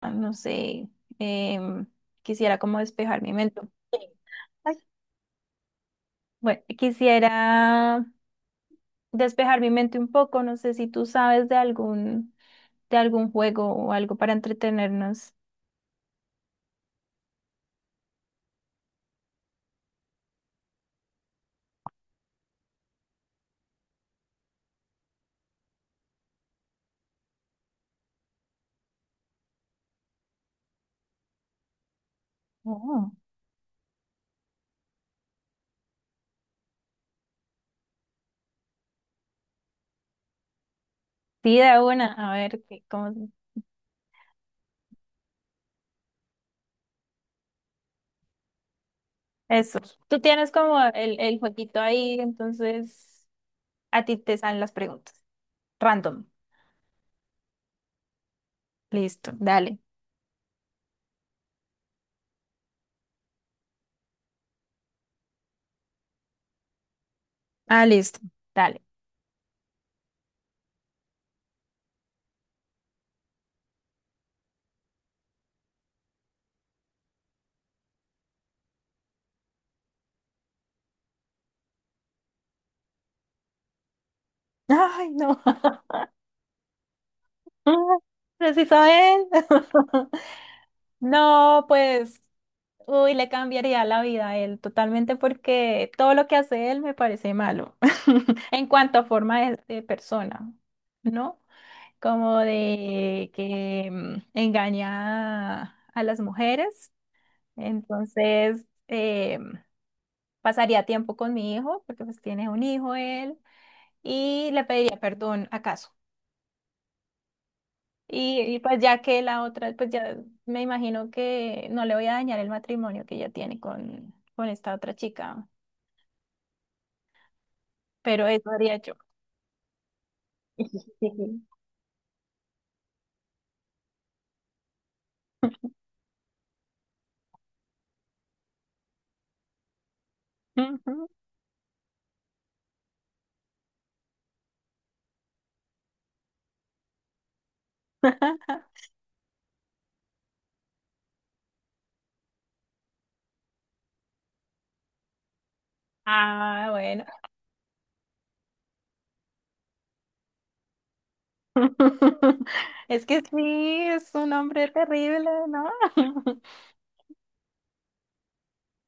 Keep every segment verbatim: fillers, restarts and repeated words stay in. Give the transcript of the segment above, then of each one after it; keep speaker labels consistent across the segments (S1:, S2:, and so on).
S1: Ah, no sé, em, quisiera como despejar mi mente. Bueno, quisiera despejar mi mente un poco, no sé si tú sabes de algún, de algún juego o algo para entretenernos. Oh. Sí, de una, a ver, qué- cómo- eso. Tú tienes como el, el jueguito ahí, entonces a ti te salen las preguntas. Random. Listo. Dale. Ah, listo. Dale. Ay, no. Preciso es. No, pues. Uy, le cambiaría la vida a él totalmente porque todo lo que hace él me parece malo en cuanto a forma de, de persona, ¿no? Como de que mm, engaña a, a las mujeres. Entonces, eh, pasaría tiempo con mi hijo porque pues tiene un hijo él y le pediría perdón acaso. Y, y pues ya que la otra, pues ya me imagino que no le voy a dañar el matrimonio que ella tiene con, con esta otra chica. Pero eso haría yo. Sí. Ujú. Ah, bueno. Es que sí, es un hombre terrible, ¿no?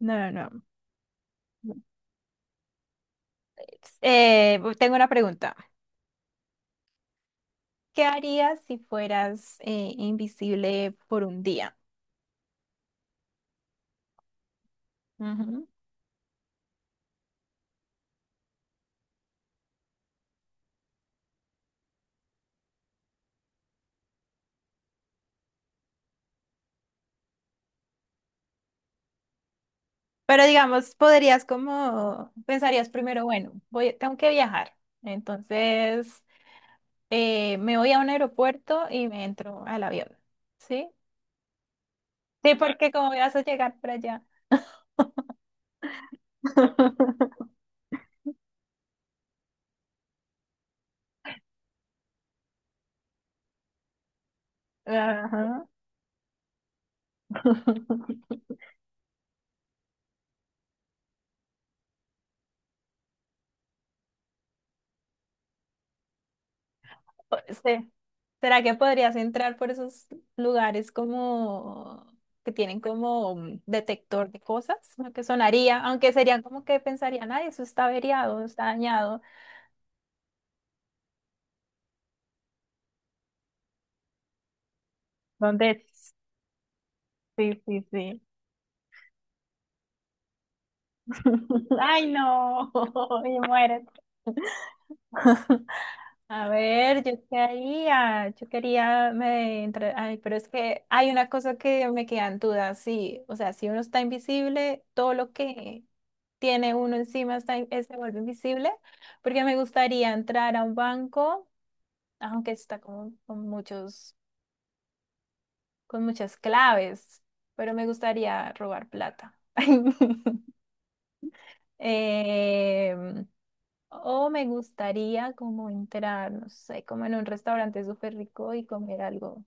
S1: No, no. Eh, tengo una pregunta. ¿Qué harías si fueras eh, invisible por un día? Ujú. Pero digamos, podrías como, pensarías primero, bueno, voy, tengo que viajar. Entonces, eh, me voy a un aeropuerto y me entro al avión. ¿Sí? Sí, porque como vas a llegar para allá. Ajá. Sí. ¿Será que podrías entrar por esos lugares como que tienen como un detector de cosas? Lo que sonaría, aunque serían como que pensarían, ay, eso está averiado, está dañado. ¿Dónde? Sí, sí, sí. Ay, no, y mueres. A ver, yo quería, yo quería, me entra- ay, pero es que hay una cosa que me queda en duda, sí, o sea, si uno está invisible, todo lo que tiene uno encima está, in- eh, se vuelve invisible, porque me gustaría entrar a un banco, aunque está como con muchos, con muchas claves, pero me gustaría robar plata. Em, o me gustaría como entrar, no sé, como en un restaurante súper rico y comer algo.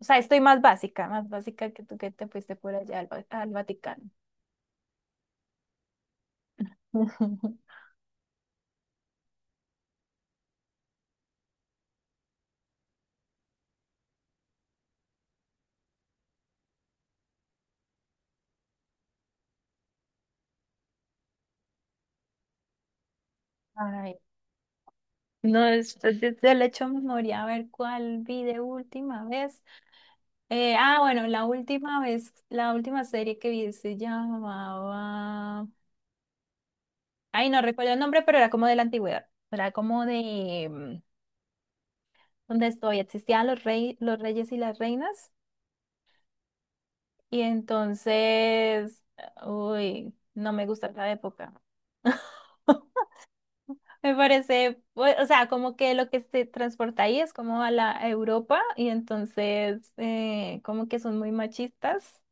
S1: O sea, estoy más básica, más básica que tú que te fuiste por allá al, Va- al Vaticano. Ay, no, después de- del hecho memoria, a ver cuál vi de última vez. Eh, ah, bueno, la última vez, la última serie que vi se llamaba. Ay, no recuerdo el nombre, pero era como de la antigüedad. Era como de mm, donde estoy, existían los rey, los reyes y las reinas. Y entonces, uy, no me gusta esa época. Me parece, pues, o sea, como que lo que se transporta ahí es como a la a Europa y entonces eh, como que son muy machistas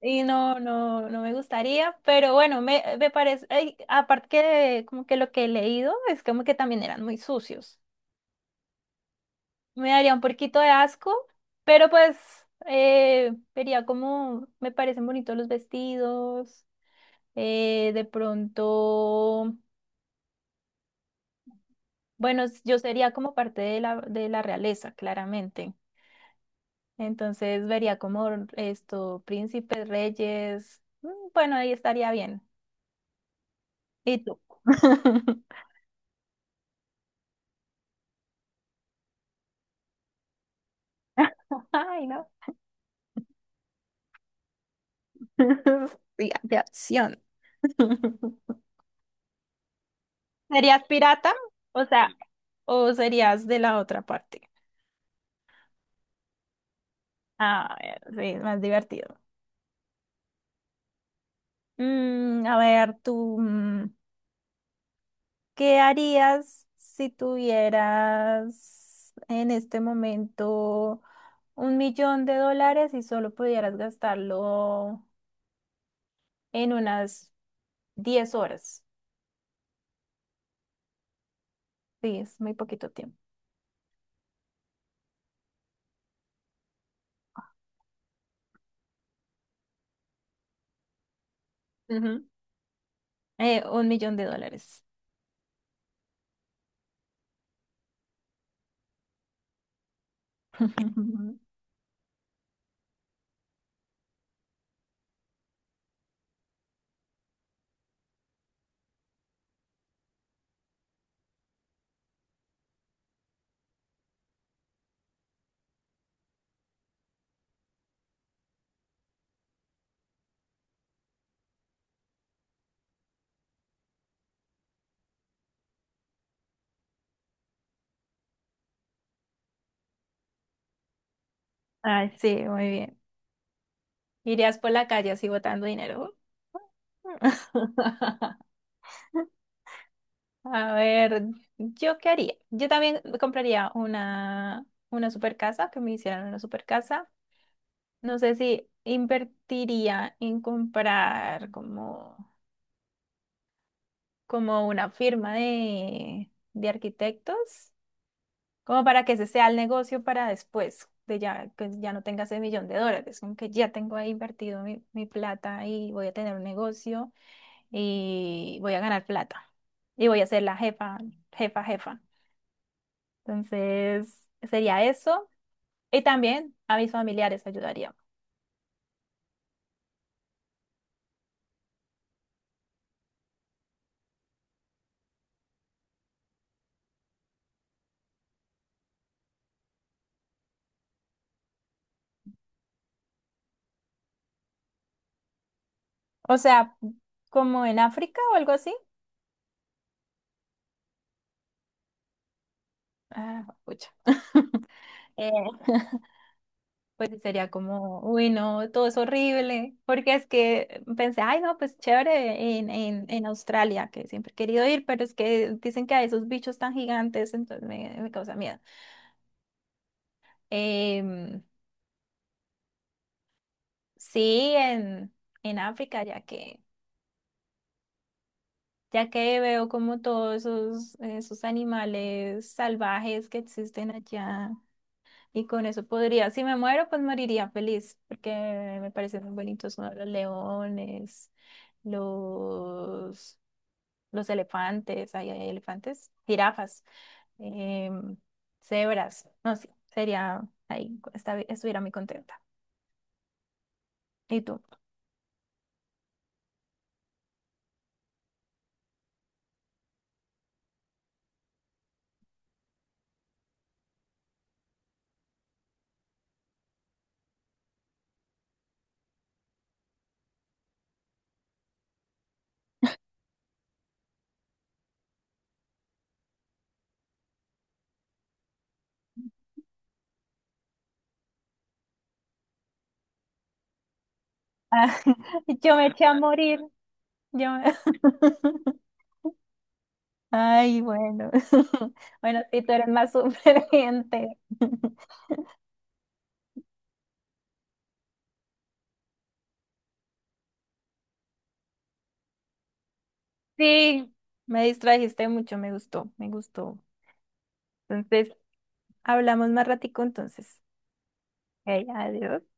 S1: y no, no, no me gustaría, pero bueno, me, me parece, ay, aparte que como que lo que he leído es como que también eran muy sucios. Me daría un poquito de asco, pero pues eh, vería como me parecen bonitos los vestidos, eh, de pronto, bueno, yo sería como parte de la, de la realeza, claramente. Entonces vería como esto, príncipes, reyes. mm, Bueno, ahí estaría bien. ¿Y tú? Ay, no. Sí, de acción. ¿Serías pirata? O sea, ¿o serías de la otra parte? A ver, sí, es más divertido. Mm, a ver, tú, mm, ¿qué harías si tuvieras en este momento un millón de dólares y solo pudieras gastarlo? En unas diez horas. Sí, es muy poquito tiempo. Ujú. Eh, un millón de dólares. Ay, sí, muy bien. Irías por la calle así botando dinero. A ver, ¿yo qué haría? Yo también compraría una, una super casa, que me hicieran una super casa. No sé si invertiría en comprar como, como una firma de, de arquitectos. Como para que ese sea el negocio para después, de ya que ya no tenga ese millón de dólares, como que ya tengo ahí invertido mi, mi plata y voy a tener un negocio y voy a ganar plata y voy a ser la jefa, jefa, jefa. Entonces, sería eso. Y también a mis familiares ayudaría. O sea, como en África o algo así. Ah, pucha. Eh, pues sí, sería como, uy, no, todo es horrible, porque es que pensé, ay, no, pues chévere en, en, en Australia, que siempre he querido ir, pero es que dicen que hay esos bichos tan gigantes, entonces me, me causa miedo. Em, sí, en, en África, ya que, ya que veo como todos esos, esos animales salvajes que existen allá, y con eso podría, si me muero, pues moriría feliz, porque me parecen muy bonitos, ¿no? Los leones, los, los elefantes, ahí hay elefantes, jirafas, em, cebras, no sé, sería ahí, esta- estuviera muy contenta. ¿Y tú? Ah, yo me eché a morir, yo me- Ay, bueno, bueno, si tú eres más superviviente. Sí, me distrajiste mucho, me gustó, me gustó. Entonces, hablamos más ratico entonces. Hey, adiós.